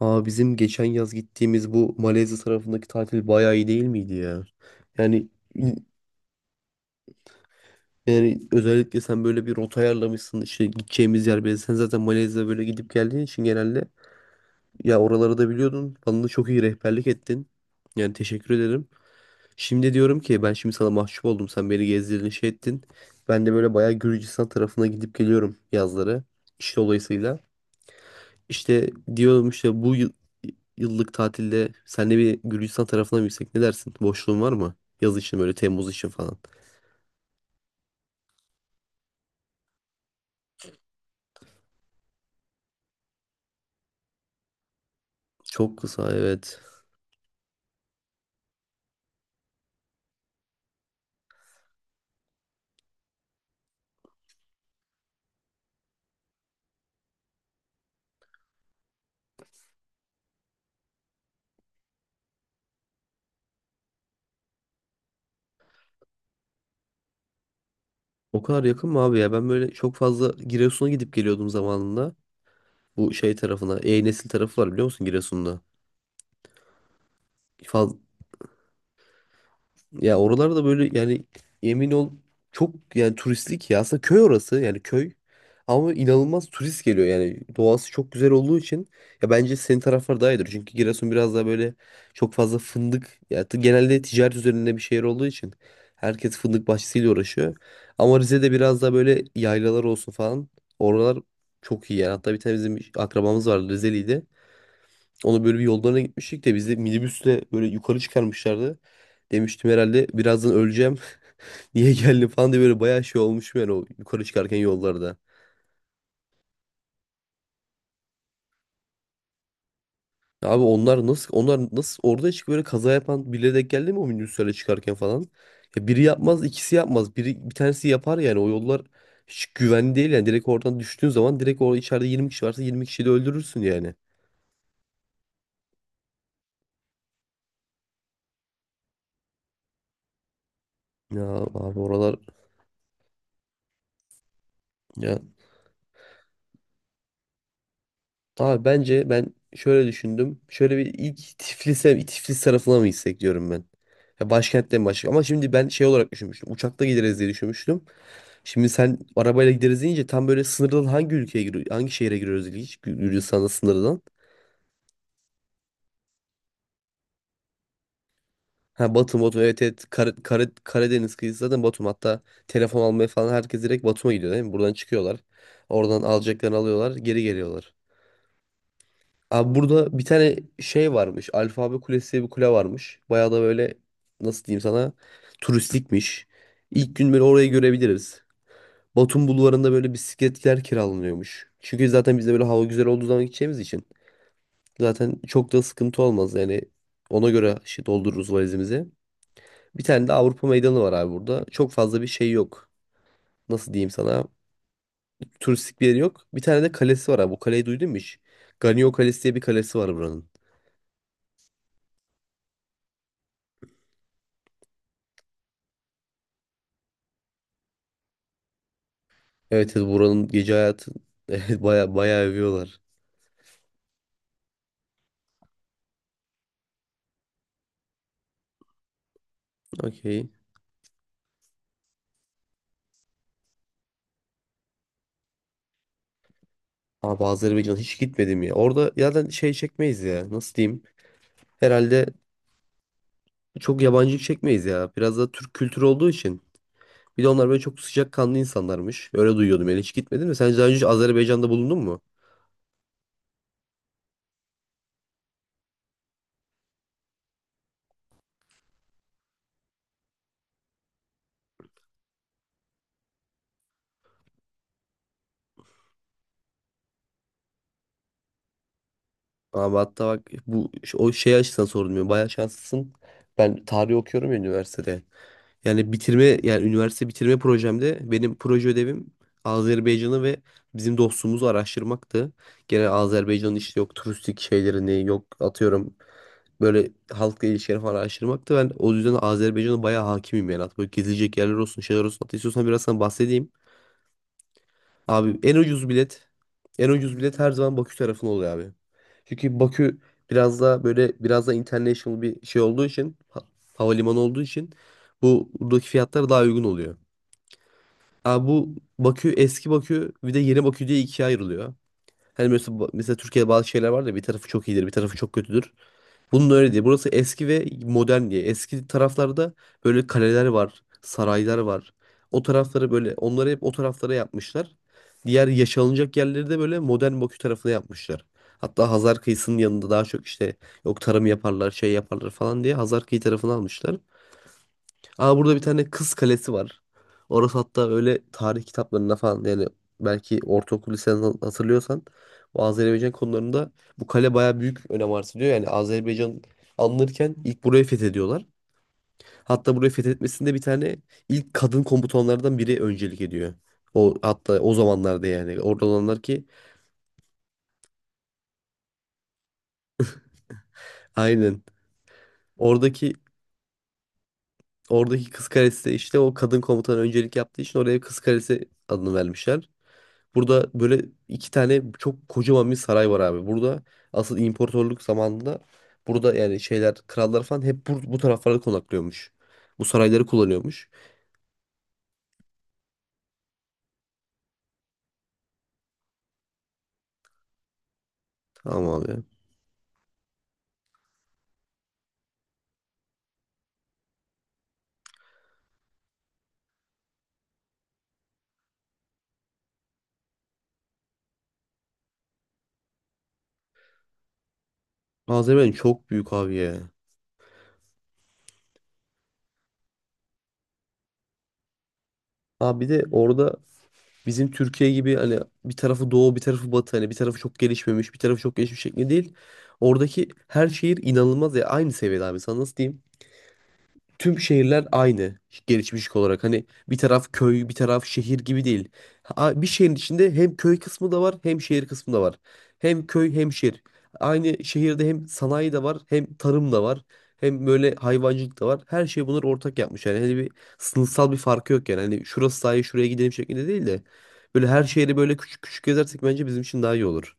Aa bizim geçen yaz gittiğimiz bu Malezya tarafındaki tatil bayağı iyi değil miydi ya? Yani yani özellikle sen böyle bir rota ayarlamışsın, işte gideceğimiz yer belli. Sen zaten Malezya'ya böyle gidip geldiğin için genelde ya oraları da biliyordun. Bana da çok iyi rehberlik ettin. Yani teşekkür ederim. Şimdi diyorum ki ben şimdi sana mahcup oldum. Sen beni gezdirdin, şey ettin. Ben de böyle bayağı Gürcistan tarafına gidip geliyorum yazları. İş dolayısıyla. İşte diyorum, işte yıllık tatilde senle bir Gürcistan tarafına mı gitsek, ne dersin? Boşluğun var mı? Yaz için, böyle Temmuz için falan. Çok kısa, evet. O kadar yakın mı abi ya? Ben böyle çok fazla Giresun'a gidip geliyordum zamanında. Bu şey tarafına. E-Nesil tarafı var, biliyor musun Giresun'da? Ya oralarda böyle yani yemin ol, çok yani turistik, ya aslında köy orası yani köy, ama inanılmaz turist geliyor yani, doğası çok güzel olduğu için. Ya bence senin taraflar daha iyidir, çünkü Giresun biraz daha böyle çok fazla fındık ya, genelde ticaret üzerinde bir şehir olduğu için herkes fındık bahçesiyle uğraşıyor, ama Rize'de biraz daha böyle yaylalar olsun falan, oralar çok iyi yani. Hatta bir tane bizim akrabamız vardı, Rizeliydi. Onu böyle bir yollarına gitmiştik de bizi minibüsle böyle yukarı çıkarmışlardı. Demiştim herhalde birazdan öleceğim. Niye geldim falan diye böyle bayağı şey olmuşum yani o yukarı çıkarken yollarda. Abi onlar nasıl orada çık böyle kaza yapan birileri denk geldi mi o minibüslerle çıkarken falan? Ya biri yapmaz, ikisi yapmaz. Bir tanesi yapar yani. O yollar hiç güvenli değil yani, direkt oradan düştüğün zaman direkt orada içeride 20 kişi varsa 20 kişiyi de öldürürsün yani. Ya abi oralar ya. Abi bence ben şöyle düşündüm. Şöyle bir ilk Tiflis'e, Tiflis tarafına mı gitsek diyorum ben. Ya başkentten başka? Ama şimdi ben şey olarak düşünmüştüm. Uçakla gideriz diye düşünmüştüm. Şimdi sen arabayla gideriz deyince tam böyle sınırdan hangi ülkeye giriyor, hangi şehre giriyoruz ilginç, Gürcistan'da sınırdan. Ha Batum, Batum, evet evet. Karadeniz kıyısı zaten Batum. Hatta telefon almaya falan herkes direkt Batum'a gidiyor değil mi? Buradan çıkıyorlar. Oradan alacaklarını alıyorlar, geri geliyorlar. Abi burada bir tane şey varmış. Alfabe Kulesi diye bir kule varmış. Bayağı da böyle, nasıl diyeyim sana, turistikmiş. İlk gün böyle orayı görebiliriz. Batum Bulvarı'nda böyle bisikletler kiralanıyormuş. Çünkü zaten biz de böyle hava güzel olduğu zaman gideceğimiz için. Zaten çok da sıkıntı olmaz yani. Ona göre şey doldururuz valizimizi. Bir tane de Avrupa Meydanı var abi burada. Çok fazla bir şey yok. Nasıl diyeyim sana? Turistik bir yeri yok. Bir tane de kalesi var abi. Bu kaleyi duydun mu hiç? Ganyo Kalesi diye bir kalesi var buranın. Evet, evet, buranın gece hayatı evet, baya baya övüyorlar. Okey. Abi Azerbaycan hiç gitmedim ya. Orada zaten şey çekmeyiz ya. Nasıl diyeyim? Herhalde çok yabancı çekmeyiz ya. Biraz da Türk kültürü olduğu için. Bir de onlar böyle çok sıcakkanlı insanlarmış. Öyle duyuyordum yani, hiç gitmedim de. Sen daha önce hiç Azerbaycan'da bulundun mu? Abi hatta bak bu o şey açısından sorulmuyor. Bayağı şanslısın. Ben tarih okuyorum ya üniversitede. Yani bitirme yani üniversite bitirme projemde benim proje ödevim Azerbaycan'ı ve bizim dostumuzu araştırmaktı. Gene Azerbaycan'ın işte yok turistik şeylerini, yok atıyorum böyle halkla ilişkileri falan araştırmaktı. Ben o yüzden Azerbaycan'a bayağı hakimim yani. At böyle gezilecek yerler olsun, şeyler olsun. Hatta istiyorsan biraz sana bahsedeyim. Abi en ucuz bilet her zaman Bakü tarafına oluyor abi. Çünkü Bakü biraz daha böyle, biraz da international bir şey olduğu için, havalimanı olduğu için bu buradaki fiyatlar daha uygun oluyor. Abi bu Bakü, eski Bakü bir de yeni Bakü diye ikiye ayrılıyor. Hani mesela Türkiye'de bazı şeyler var da bir tarafı çok iyidir, bir tarafı çok kötüdür. Bunun öyle değil. Burası eski ve modern diye. Eski taraflarda böyle kaleler var, saraylar var. O tarafları böyle, onları hep o taraflara yapmışlar. Diğer yaşanılacak yerleri de böyle modern Bakü tarafına yapmışlar. Hatta Hazar kıyısının yanında daha çok işte yok tarım yaparlar, şey yaparlar falan diye Hazar kıyı tarafını almışlar. Aa burada bir tane kız kalesi var. Orası hatta öyle tarih kitaplarında falan yani, belki ortaokul liseden hatırlıyorsan, bu Azerbaycan konularında bu kale baya büyük önem arz ediyor. Yani Azerbaycan alınırken ilk burayı fethediyorlar. Hatta burayı fethetmesinde bir tane ilk kadın komutanlardan biri öncelik ediyor. O hatta o zamanlarda yani orada olanlar ki aynen oradaki oradaki kız kalesi de işte o kadın komutan öncelik yaptığı için oraya kız kalesi adını vermişler. Burada böyle iki tane çok kocaman bir saray var abi. Burada asıl imparatorluk zamanında burada yani şeyler krallar falan hep bu taraflarda konaklıyormuş. Bu sarayları kullanıyormuş. Tamam abi. Azerbaycan çok büyük abi ya. Abi bir de orada bizim Türkiye gibi hani bir tarafı doğu bir tarafı batı, hani bir tarafı çok gelişmemiş bir tarafı çok gelişmiş şekli değil. Oradaki her şehir inanılmaz ya aynı seviyede abi, sana nasıl diyeyim? Tüm şehirler aynı gelişmişlik olarak. Hani bir taraf köy, bir taraf şehir gibi değil. Bir şehrin içinde hem köy kısmı da var, hem şehir kısmı da var. Hem köy hem şehir. Aynı şehirde hem sanayi de var, hem tarım da var, hem böyle hayvancılık da var. Her şey bunları ortak yapmış. Yani hani bir sınıfsal bir farkı yok yani. Hani şurası sahil, şuraya gidelim şeklinde değil de, böyle her şehri böyle küçük küçük gezersek bence bizim için daha iyi olur.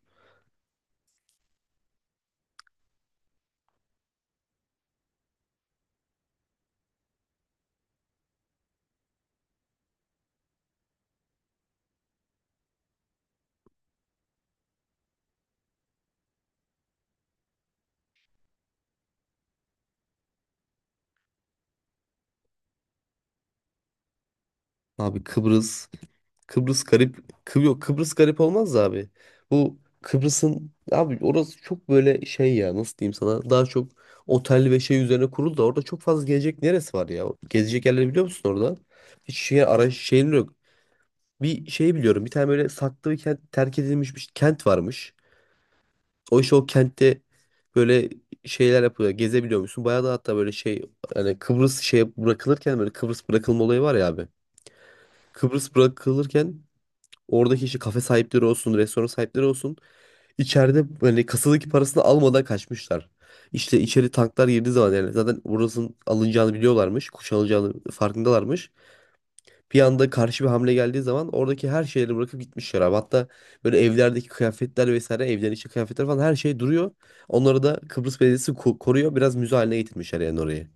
Abi Kıbrıs garip, yok Kıbrıs garip olmaz da abi. Bu Kıbrıs'ın abi orası çok böyle şey ya, nasıl diyeyim sana, daha çok otel ve şey üzerine kuruldu da orada çok fazla gezecek neresi var ya? Gezecek yerleri biliyor musun orada? Hiç şey araç şeyin yok. Bir şey biliyorum, bir tane böyle saklı bir kent, terk edilmiş bir kent varmış. O işte o kentte böyle şeyler yapıyor, gezebiliyor musun? Bayağı da hatta böyle şey, hani Kıbrıs şey bırakılırken, böyle Kıbrıs bırakılma olayı var ya abi. Kıbrıs bırakılırken, oradaki işte kafe sahipleri olsun, restoran sahipleri olsun, içeride böyle kasadaki parasını almadan kaçmışlar. İşte içeri tanklar girdiği zaman yani, zaten burasının alınacağını biliyorlarmış. Kuşanılacağını farkındalarmış. Bir anda karşı bir hamle geldiği zaman oradaki her şeyleri bırakıp gitmişler abi. Hatta böyle evlerdeki kıyafetler vesaire, evlerin içi kıyafetler falan her şey duruyor. Onları da Kıbrıs Belediyesi koruyor. Biraz müze haline getirmişler yani orayı.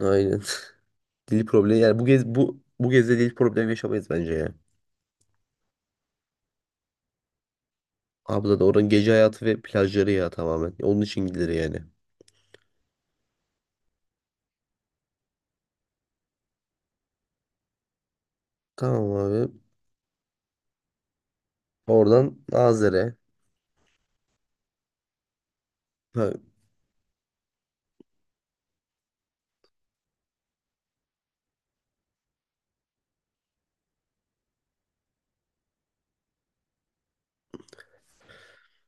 Aynen. Dil problemi, yani bu gezde dil problemi yaşamayız bence ya. Abla da oranın gece hayatı ve plajları ya tamamen. Onun için gidilir yani. Tamam abi. Oradan Nazilli'ye. Ha,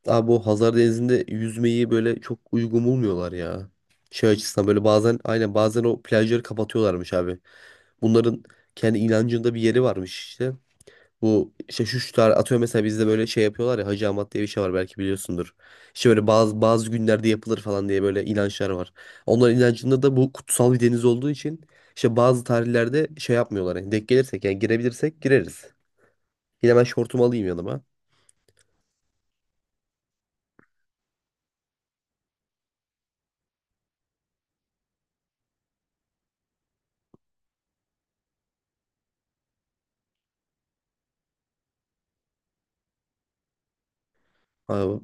abi o Hazar Denizi'nde yüzmeyi böyle çok uygun bulmuyorlar ya. Şey açısından böyle bazen, aynen, bazen o plajları kapatıyorlarmış abi. Bunların kendi inancında bir yeri varmış işte. Bu işte şu tar atıyor mesela bizde böyle şey yapıyorlar ya, Hacı Ahmet diye bir şey var, belki biliyorsundur. İşte böyle bazı günlerde yapılır falan diye böyle inançlar var. Onların inancında da bu kutsal bir deniz olduğu için işte bazı tarihlerde şey yapmıyorlar. Yani denk gelirsek, yani girebilirsek gireriz. Yine ben şortumu alayım yanıma. Abi,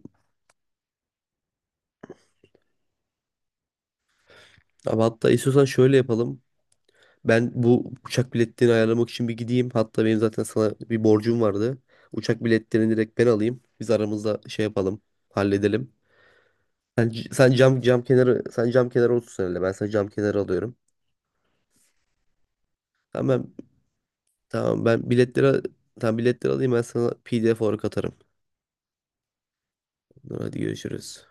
abi hatta istiyorsan şöyle yapalım. Ben bu uçak biletlerini ayarlamak için bir gideyim. Hatta benim zaten sana bir borcum vardı. Uçak biletlerini direkt ben alayım. Biz aramızda şey yapalım, halledelim. Sen cam kenarı otursun herhalde. Ben sana cam kenarı alıyorum. Tamam ben tamam ben biletleri tamam, biletleri alayım, ben sana PDF olarak atarım. Tamam, hadi görüşürüz.